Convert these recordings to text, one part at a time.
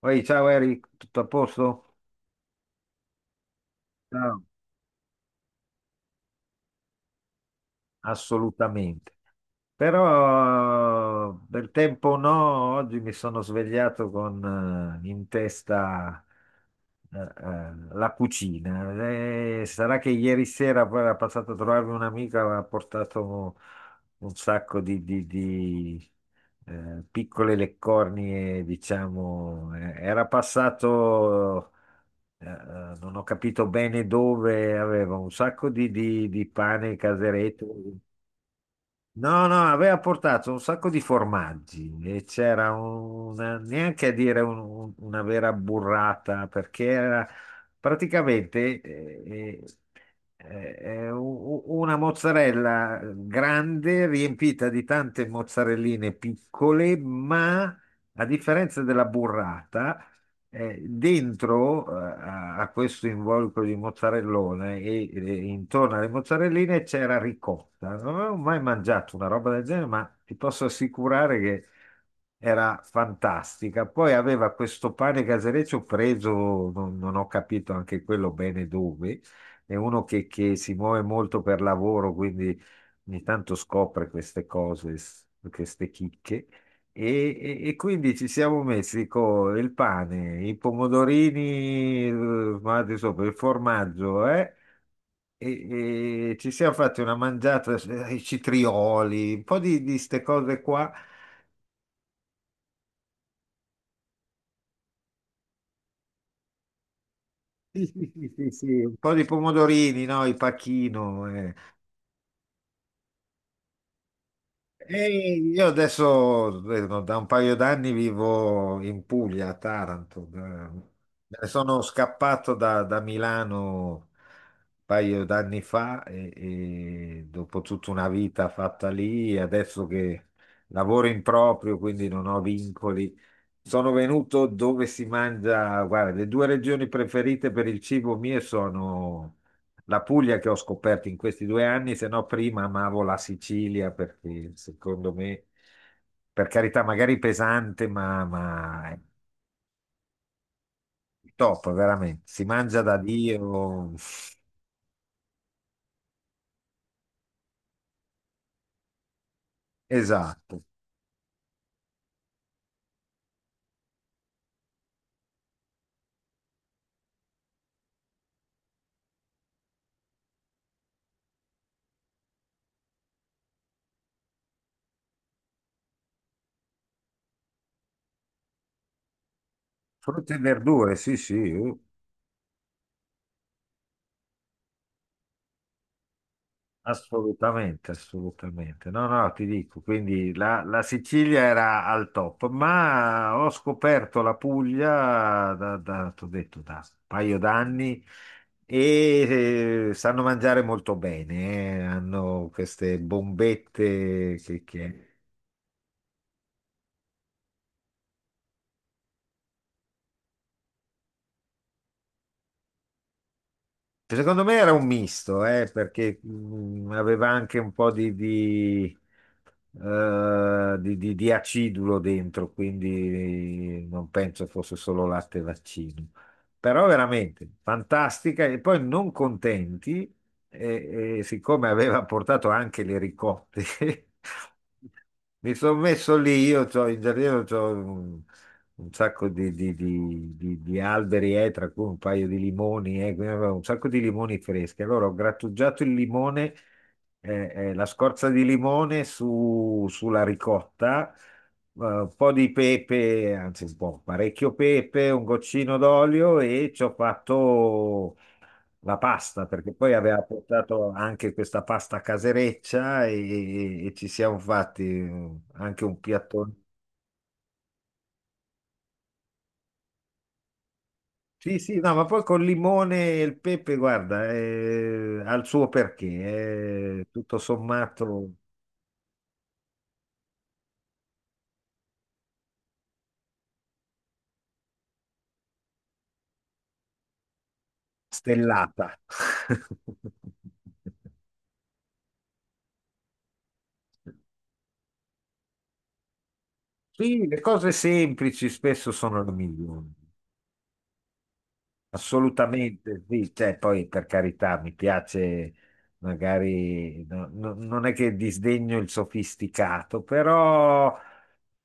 Poi, ciao Eric, tutto a posto? Ciao. Assolutamente. Però del tempo no, oggi mi sono svegliato con in testa la cucina. Sarà che ieri sera poi era passato a trovarmi un'amica, aveva portato un sacco di, piccole leccornie, diciamo. Era passato, non ho capito bene dove, aveva un sacco di, di pane caseretto. No, no, aveva portato un sacco di formaggi e c'era una, neanche a dire una vera burrata perché era praticamente eh, eh, u- una mozzarella grande riempita di tante mozzarelline piccole, ma a differenza della burrata dentro a, questo involucro di mozzarellone e intorno alle mozzarelline c'era ricotta. Non avevo mai mangiato una roba del genere, ma ti posso assicurare che era fantastica. Poi aveva questo pane casereccio preso, non ho capito anche quello bene dove. È uno che, si muove molto per lavoro, quindi ogni tanto scopre queste cose, queste chicche. E, quindi ci siamo messi con il pane, i pomodorini, ma adesso per il formaggio, E, e ci siamo fatti una mangiata, i citrioli, un po' di queste cose qua. Sì, sì, sì, sì, sì, un po' di pomodorini, no? Il pacchino. E io adesso vedo, da un paio d'anni vivo in Puglia, a Taranto. Me ne sono scappato da, Milano un paio d'anni fa e, dopo tutta una vita fatta lì, adesso che lavoro in proprio, quindi non ho vincoli, sono venuto dove si mangia. Guarda, le due regioni preferite per il cibo mie sono la Puglia che ho scoperto in questi due anni, se no prima amavo la Sicilia perché secondo me, per carità, magari pesante, ma è top, veramente. Si mangia da Dio. Esatto. Frutta e verdure, sì, sì. Assolutamente, assolutamente. No, no, ti dico, quindi la, Sicilia era al top, ma ho scoperto la Puglia da, da, t'ho detto, da un paio d'anni e sanno mangiare molto bene, eh. Hanno queste bombette che, secondo me era un misto, perché aveva anche un po' di, di acidulo dentro, quindi non penso fosse solo latte e vaccino. Però veramente fantastica e poi non contenti, e siccome aveva portato anche le ricotte, mi sono messo lì, io c'ho in giardino, un sacco di, di alberi, tra cui un paio di limoni, quindi avevo un sacco di limoni freschi. Allora ho grattugiato il limone, la scorza di limone sulla ricotta, un po' di pepe, anzi un po', parecchio pepe, un goccino d'olio e ci ho fatto la pasta, perché poi aveva portato anche questa pasta casereccia e ci siamo fatti anche un piatto. Sì, sì, no, ma poi col limone e il pepe, guarda, ha il suo perché, è tutto sommato stellata. Sì, le cose semplici spesso sono le migliori, assolutamente, sì, cioè, poi per carità mi piace magari, non è che disdegno il sofisticato. Però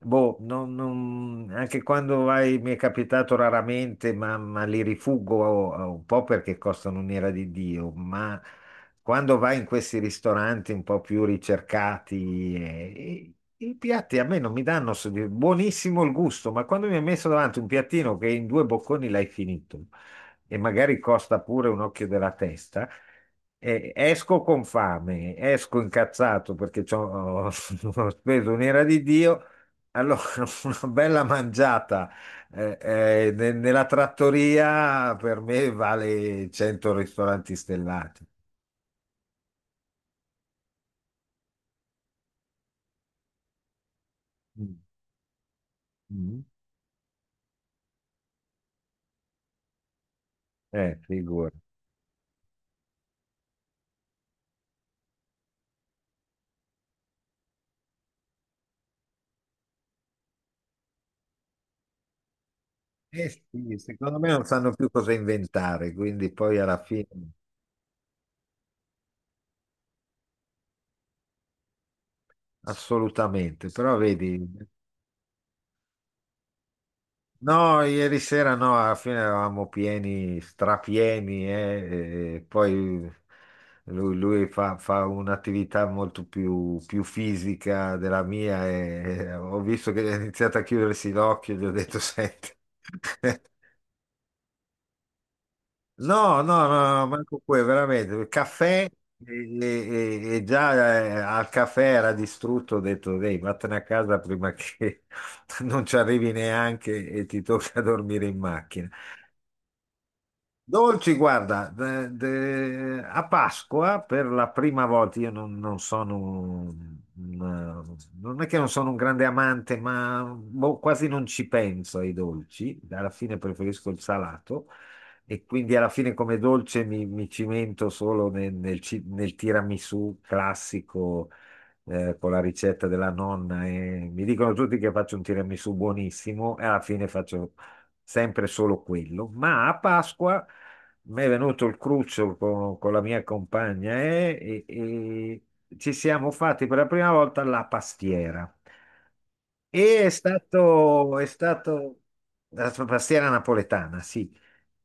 boh, anche quando vai, mi è capitato raramente, ma li rifuggo un po' perché costano un'ira di Dio, ma quando vai in questi ristoranti un po' più ricercati, i piatti a me non mi danno buonissimo il gusto, ma quando mi hai messo davanti un piattino che in due bocconi l'hai finito e magari costa pure un occhio della testa, esco con fame, esco incazzato perché ho speso un'ira di Dio. Allora, una bella mangiata nella trattoria per me vale 100 ristoranti stellati. Mm. Mm. Figura. Eh sì, secondo me non sanno più cosa inventare, quindi poi alla fine assolutamente, però vedi. No, ieri sera no, alla fine eravamo pieni, strapieni, e poi lui fa un'attività molto più fisica della mia e ho visto che ha iniziato a chiudersi l'occhio, gli ho detto, senti. No, no, no, no, manco quello, veramente, il caffè e già al caffè era distrutto, ho detto, dai, vattene a casa prima che non ci arrivi neanche e ti tocca dormire in macchina. Dolci, guarda, a Pasqua per la prima volta, io non sono, non è che non sono un grande amante, ma boh, quasi non ci penso ai dolci, alla fine preferisco il salato e quindi alla fine come dolce mi cimento solo nel, nel tiramisù classico, con la ricetta della nonna e mi dicono tutti che faccio un tiramisù buonissimo e alla fine faccio sempre solo quello. Ma a Pasqua mi è venuto il cruccio con, la mia compagna e e ci siamo fatti per la prima volta la pastiera. È stato la sua pastiera napoletana, sì.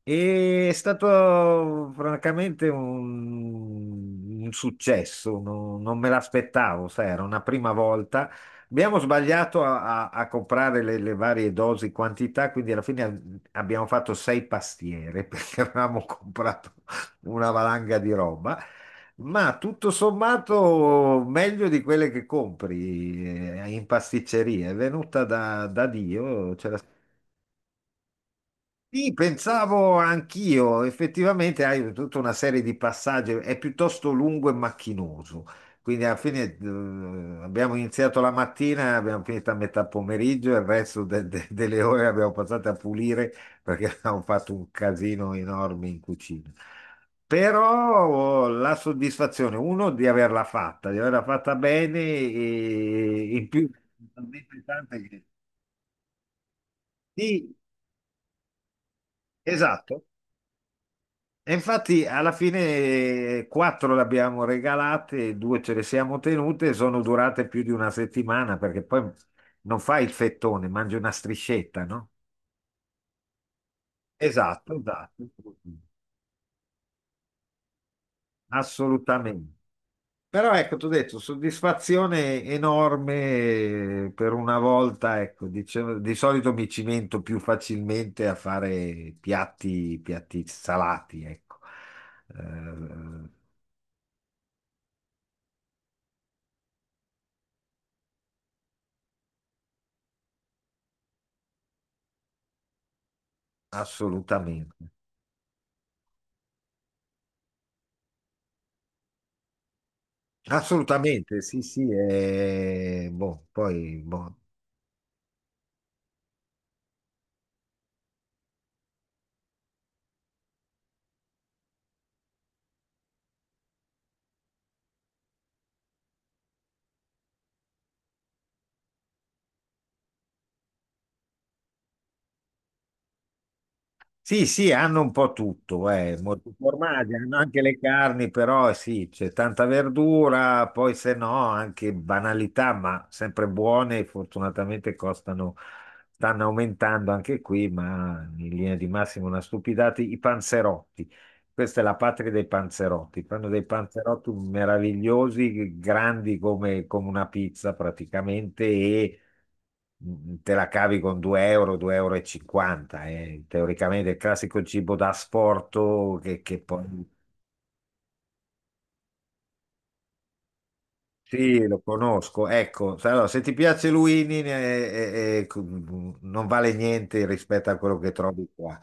E è stato francamente un successo, non me l'aspettavo, sai, era una prima volta. Abbiamo sbagliato a comprare le varie dosi, quantità, quindi alla fine abbiamo fatto sei pastiere perché avevamo comprato una valanga di roba. Ma tutto sommato meglio di quelle che compri in pasticceria, è venuta da, Dio, ce la. Sì, pensavo anch'io, effettivamente hai tutta una serie di passaggi, è piuttosto lungo e macchinoso, quindi alla fine abbiamo iniziato la mattina, abbiamo finito a metà pomeriggio e il resto delle ore abbiamo passato a pulire perché abbiamo fatto un casino enorme in cucina. Però oh, la soddisfazione, uno, di averla fatta bene e in più, talmente tante che... Sì, esatto. E infatti alla fine quattro le abbiamo regalate, due ce le siamo tenute, sono durate più di una settimana perché poi non fai il fettone, mangi una striscetta, no? Esatto, esatto, assolutamente. Però ecco, ti ho detto, soddisfazione enorme per una volta, ecco, dicevo, di solito mi cimento più facilmente a fare piatti salati, ecco. Eh, assolutamente. Assolutamente, sì, sì, boh, poi, boh. Sì, sì, hanno un po' tutto, molti formaggi, hanno anche le carni, però sì, c'è tanta verdura, poi se no anche banalità, ma sempre buone, fortunatamente costano, stanno aumentando anche qui, ma in linea di massimo una stupidata, i panzerotti. Questa è la patria dei panzerotti. Fanno dei panzerotti meravigliosi, grandi come, una pizza praticamente, e te la cavi con 2 euro, 2,50 euro, e cinquanta, eh. Teoricamente è il classico cibo da asporto che, poi... Sì, lo conosco. Ecco, allora, se ti piace Luini, non vale niente rispetto a quello che trovi qua.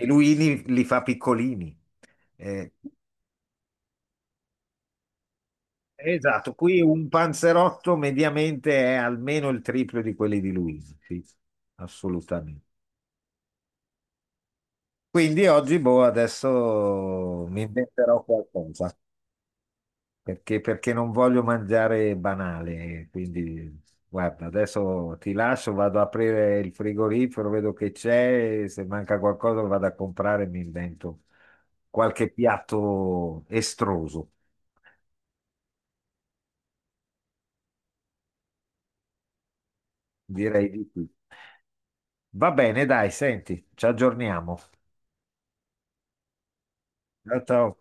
E Luini li fa piccolini. eh. Esatto, qui un panzerotto mediamente è almeno il triplo di quelli di Luini. Sì, assolutamente. Quindi oggi, boh, adesso mi inventerò qualcosa, perché non voglio mangiare banale. Quindi, guarda, adesso ti lascio, vado ad aprire il frigorifero, vedo che c'è, e se manca qualcosa lo vado a comprare e mi invento qualche piatto estroso, direi di più. Va bene, dai, senti, ci aggiorniamo. Ciao, ciao.